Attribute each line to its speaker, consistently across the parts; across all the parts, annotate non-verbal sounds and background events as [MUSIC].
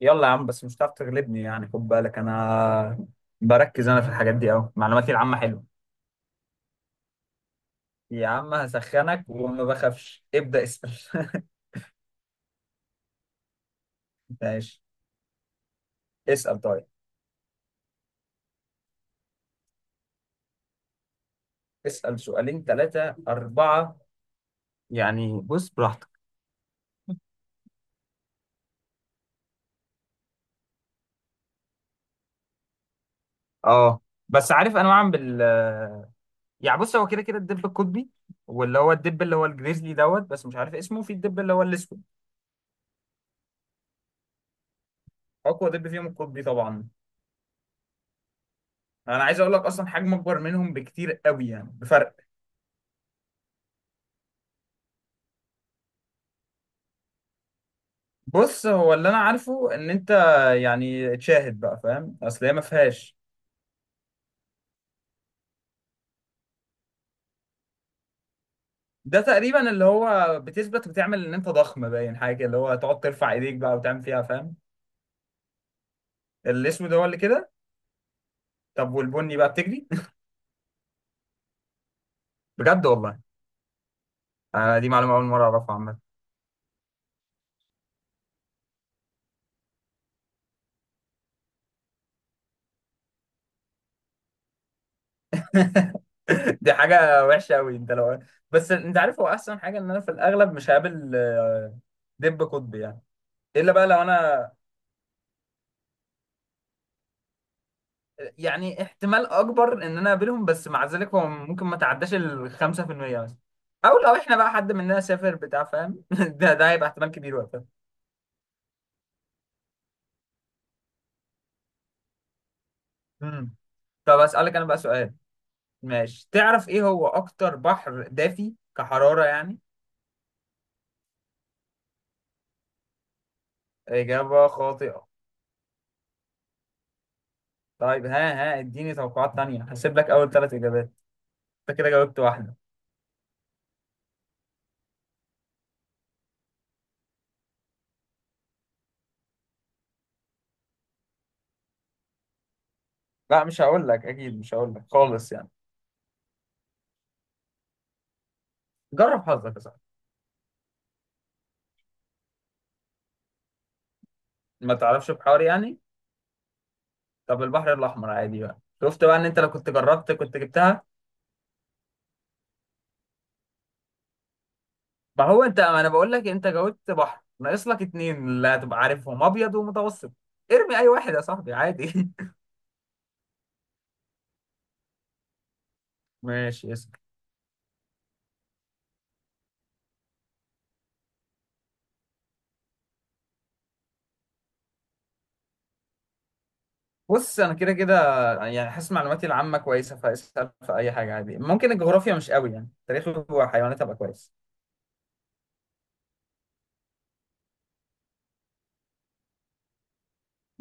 Speaker 1: يلا يا عم، بس مش هتعرف تغلبني يعني. خد بالك انا بركز، انا في الحاجات دي قوي، معلوماتي العامة حلوة. يا عم هسخنك وما بخافش، ابدأ اسأل. [LAUGHS] ماشي، اسأل طيب. اسأل سؤالين ثلاثة أربعة يعني، بص براحتك. اه، بس عارف انا بعمل بال، يعني بص هو كده كده الدب القطبي، واللي هو الدب اللي هو الجريزلي دوت، بس مش عارف اسمه في الدب اللي هو الاسود. اقوى دب فيهم القطبي طبعا. انا عايز اقول لك اصلا حجمه اكبر منهم بكتير قوي، يعني بفرق. بص هو اللي انا عارفه ان انت يعني تشاهد بقى فاهم، اصل هي ما فيهاش. ده تقريبا اللي هو بتثبت وتعمل ان انت ضخم، باين حاجه كده، اللي هو تقعد ترفع ايديك بقى وتعمل فيها فاهم. الاسود هو اللي كده. طب والبني بقى بتجري. [LAUGHS] بجد والله. انا دي معلومه اول مره اعرفها عامه. [LAUGHS] دي حاجه وحشه قوي انت لو. بس انت عارف هو احسن حاجه ان انا في الاغلب مش هقابل دب قطبي يعني. الا بقى لو انا يعني احتمال اكبر ان انا اقابلهم، بس مع ذلك هو ممكن ما تعداش ال 5% مثلا. او لو احنا بقى حد مننا سافر بتاع فاهم، [LAUGHS] ده هيبقى احتمال كبير وقتها. امم طب اسالك انا بقى سؤال. ماشي، تعرف ايه هو اكتر بحر دافي كحرارة يعني؟ اجابة خاطئة. طيب ها ها، اديني توقعات تانية، هسيب لك اول ثلاث اجابات. انت كده جاوبت واحدة. لا مش هقول لك، اكيد مش هقول لك خالص يعني. جرب حظك يا صاحبي. ما تعرفش بحار يعني؟ طب البحر الاحمر عادي بقى، شفت بقى ان انت لو كنت جربت كنت جبتها. ما هو انت، ما انا بقول لك انت جاوبت بحر، ناقص لك اتنين اللي هتبقى عارفهم، ابيض ومتوسط. ارمي اي واحد يا صاحبي عادي. [LAUGHS] ماشي، اسال. بص انا كده كده يعني حاسس معلوماتي العامه كويسه، فاسال في اي حاجه عادي، ممكن الجغرافيا مش قوي يعني، تاريخ وحيوانات هبقى كويس.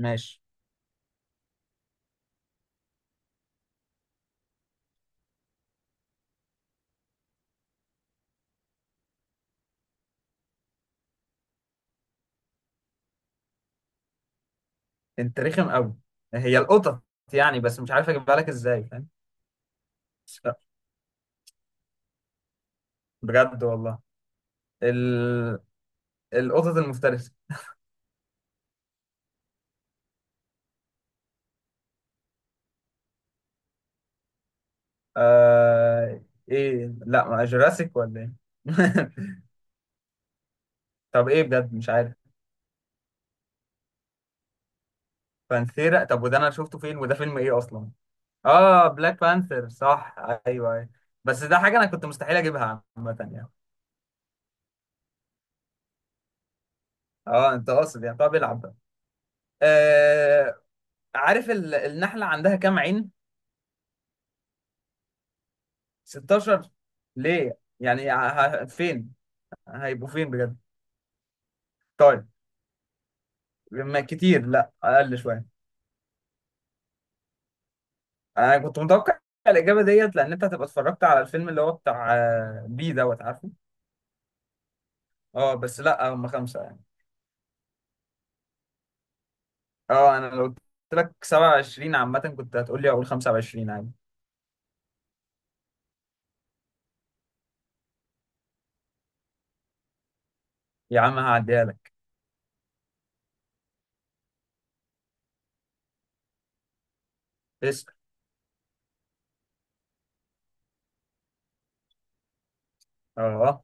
Speaker 1: ماشي. انت رخم قوي. هي القطط يعني، بس مش عارف اجيبها لك ازاي فاهم. بجد والله. ال... القطط المفترسه. آه ايه، لا ما جوراسيك ولا ايه. [LAUGHS] طب ايه بجد مش عارف. بانثيرا؟ طب وده انا شفته فين وده فيلم ايه اصلا؟ اه بلاك بانثر صح، ايوه ايوه. بس ده حاجه انا كنت مستحيل اجيبها عامه يعني. اه، انت قاصد يعني، طب العب بقى. آه عارف النحله عندها كام عين؟ 16. ليه يعني، فين هيبقوا فين بجد؟ طيب، ما كتير لا، اقل شويه. انا كنت متوقع الاجابه ديت لان انت هتبقى اتفرجت على الفيلم اللي هو بتاع بي دوت، عارفه. اه بس لا، هم خمسه يعني. اه انا لو قلت لك 27 عامه كنت هتقول لي اقول 25 عادي. يا عم هعديها لك. اسال. اه.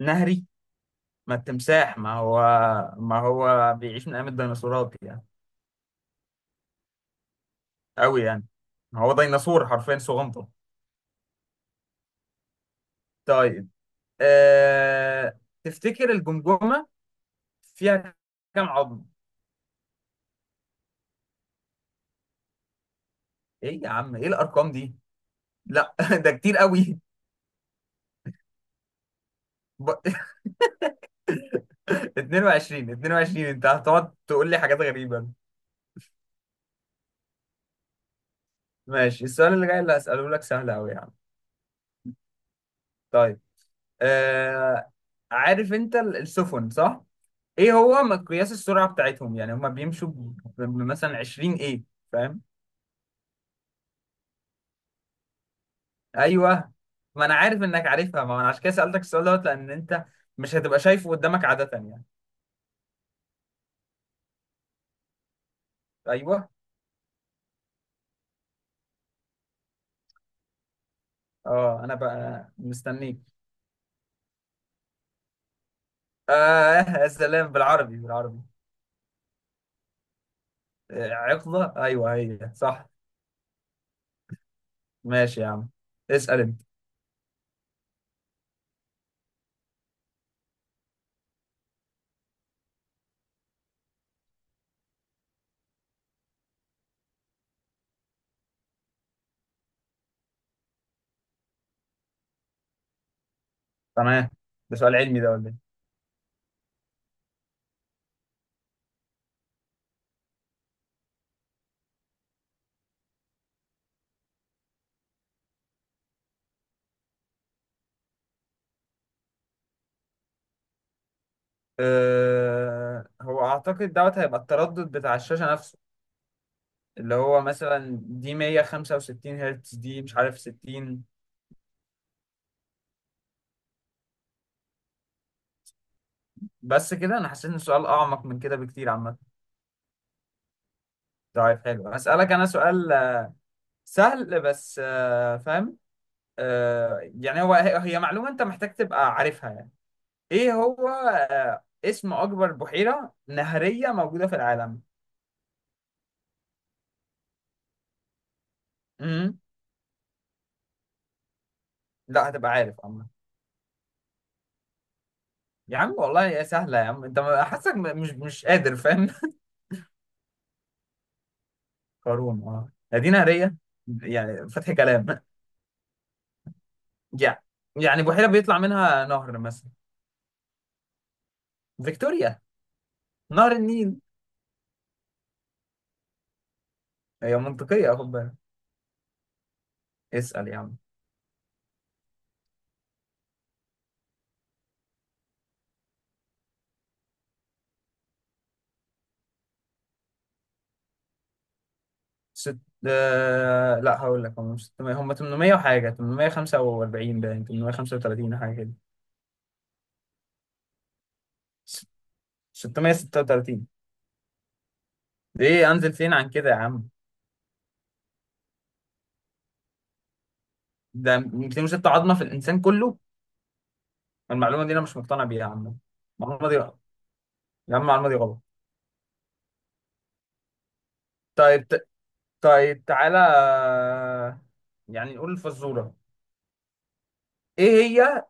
Speaker 1: نهري. ما التمساح ما هو. ما هو بيعيش من ايام الديناصورات يعني. قوي يعني. هو ديناصور حرفيا صغنطه. طيب. تفتكر الجمجمه فيها كام عظم؟ ايه يا عم، ايه الارقام دي؟ لا، [LAUGHS] ده كتير قوي. ب... [LAUGHS] 22، 22 انت هتقعد تقول لي حاجات غريبة. ماشي، السؤال اللي جاي اللي هسأله لك سهل أوي يا عم. طيب. آه... عارف انت السفن صح؟ ايه هو مقياس السرعة بتاعتهم؟ يعني هما بيمشوا مثلا 20 ايه، فاهم؟ ايوه. ما انا عارف انك عارفها، ما انا عشان كده سألتك السؤال دوت، لأن انت مش هتبقى شايفه قدامك عادة يعني. ايوه. اه انا بقى مستنيك. اه يا سلام، بالعربي بالعربي. عقدة ايوه هي صح. ماشي يا عم. اسأل انت. تمام. ده سؤال علمي ده ولا ايه؟ أه، هو اعتقد دوت هيبقى التردد بتاع الشاشة نفسه، اللي هو مثلا دي 165 هرتز، دي مش عارف 60. بس كده انا حسيت ان السؤال اعمق من كده بكتير عامة. طيب حلو، هسألك انا سؤال سهل بس فاهم. يعني هو هي هي معلومة انت محتاج تبقى عارفها يعني. ايه هو اسم اكبر بحيرة نهرية موجودة في العالم؟ امم لا، هتبقى عارف. يا عم والله يا سهلة يا عم، انت حاسك مش قادر فاهم. [LAUGHS] قارون، مدينة هرية يعني، فتح كلام. يعني يعني بحيرة بيطلع منها نهر مثلا. فيكتوريا. نهر النيل. هي منطقية خد بالك. اسأل يا عم. ست لا هقول لك، هم مش 600، هم 800 وحاجة، 845، باين 835 حاجة كده. ست- 636. ايه انزل فين عن كده يا عم؟ ده 206 عظمة في الإنسان كله؟ المعلومة دي أنا مش مقتنع بيها يا عم. المعلومة دي غلط. يا عم المعلومة دي غلط. طيب ت- طيب تعالى، يعني نقول الفزورة. ايه هي؟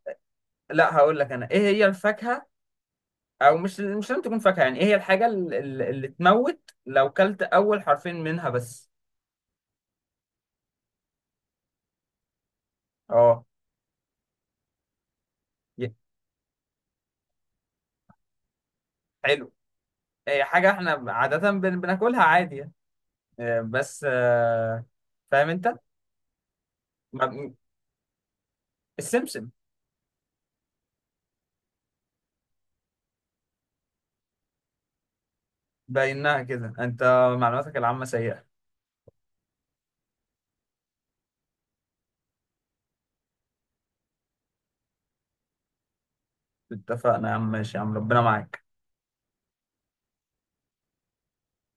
Speaker 1: لا هقول لك انا، ايه هي الفاكهة، او مش لازم تكون فاكهة يعني، ايه هي الحاجة اللي تموت لو كلت اول حرفين منها بس؟ اه. ي- حلو. هي حاجة احنا عادة بناكلها عادي يعني. بس فاهم انت. ما- السمسم. باينها كده، انت معلوماتك العامة سيئة. اتفقنا يا عم، ماشي يا عم، ربنا معاك.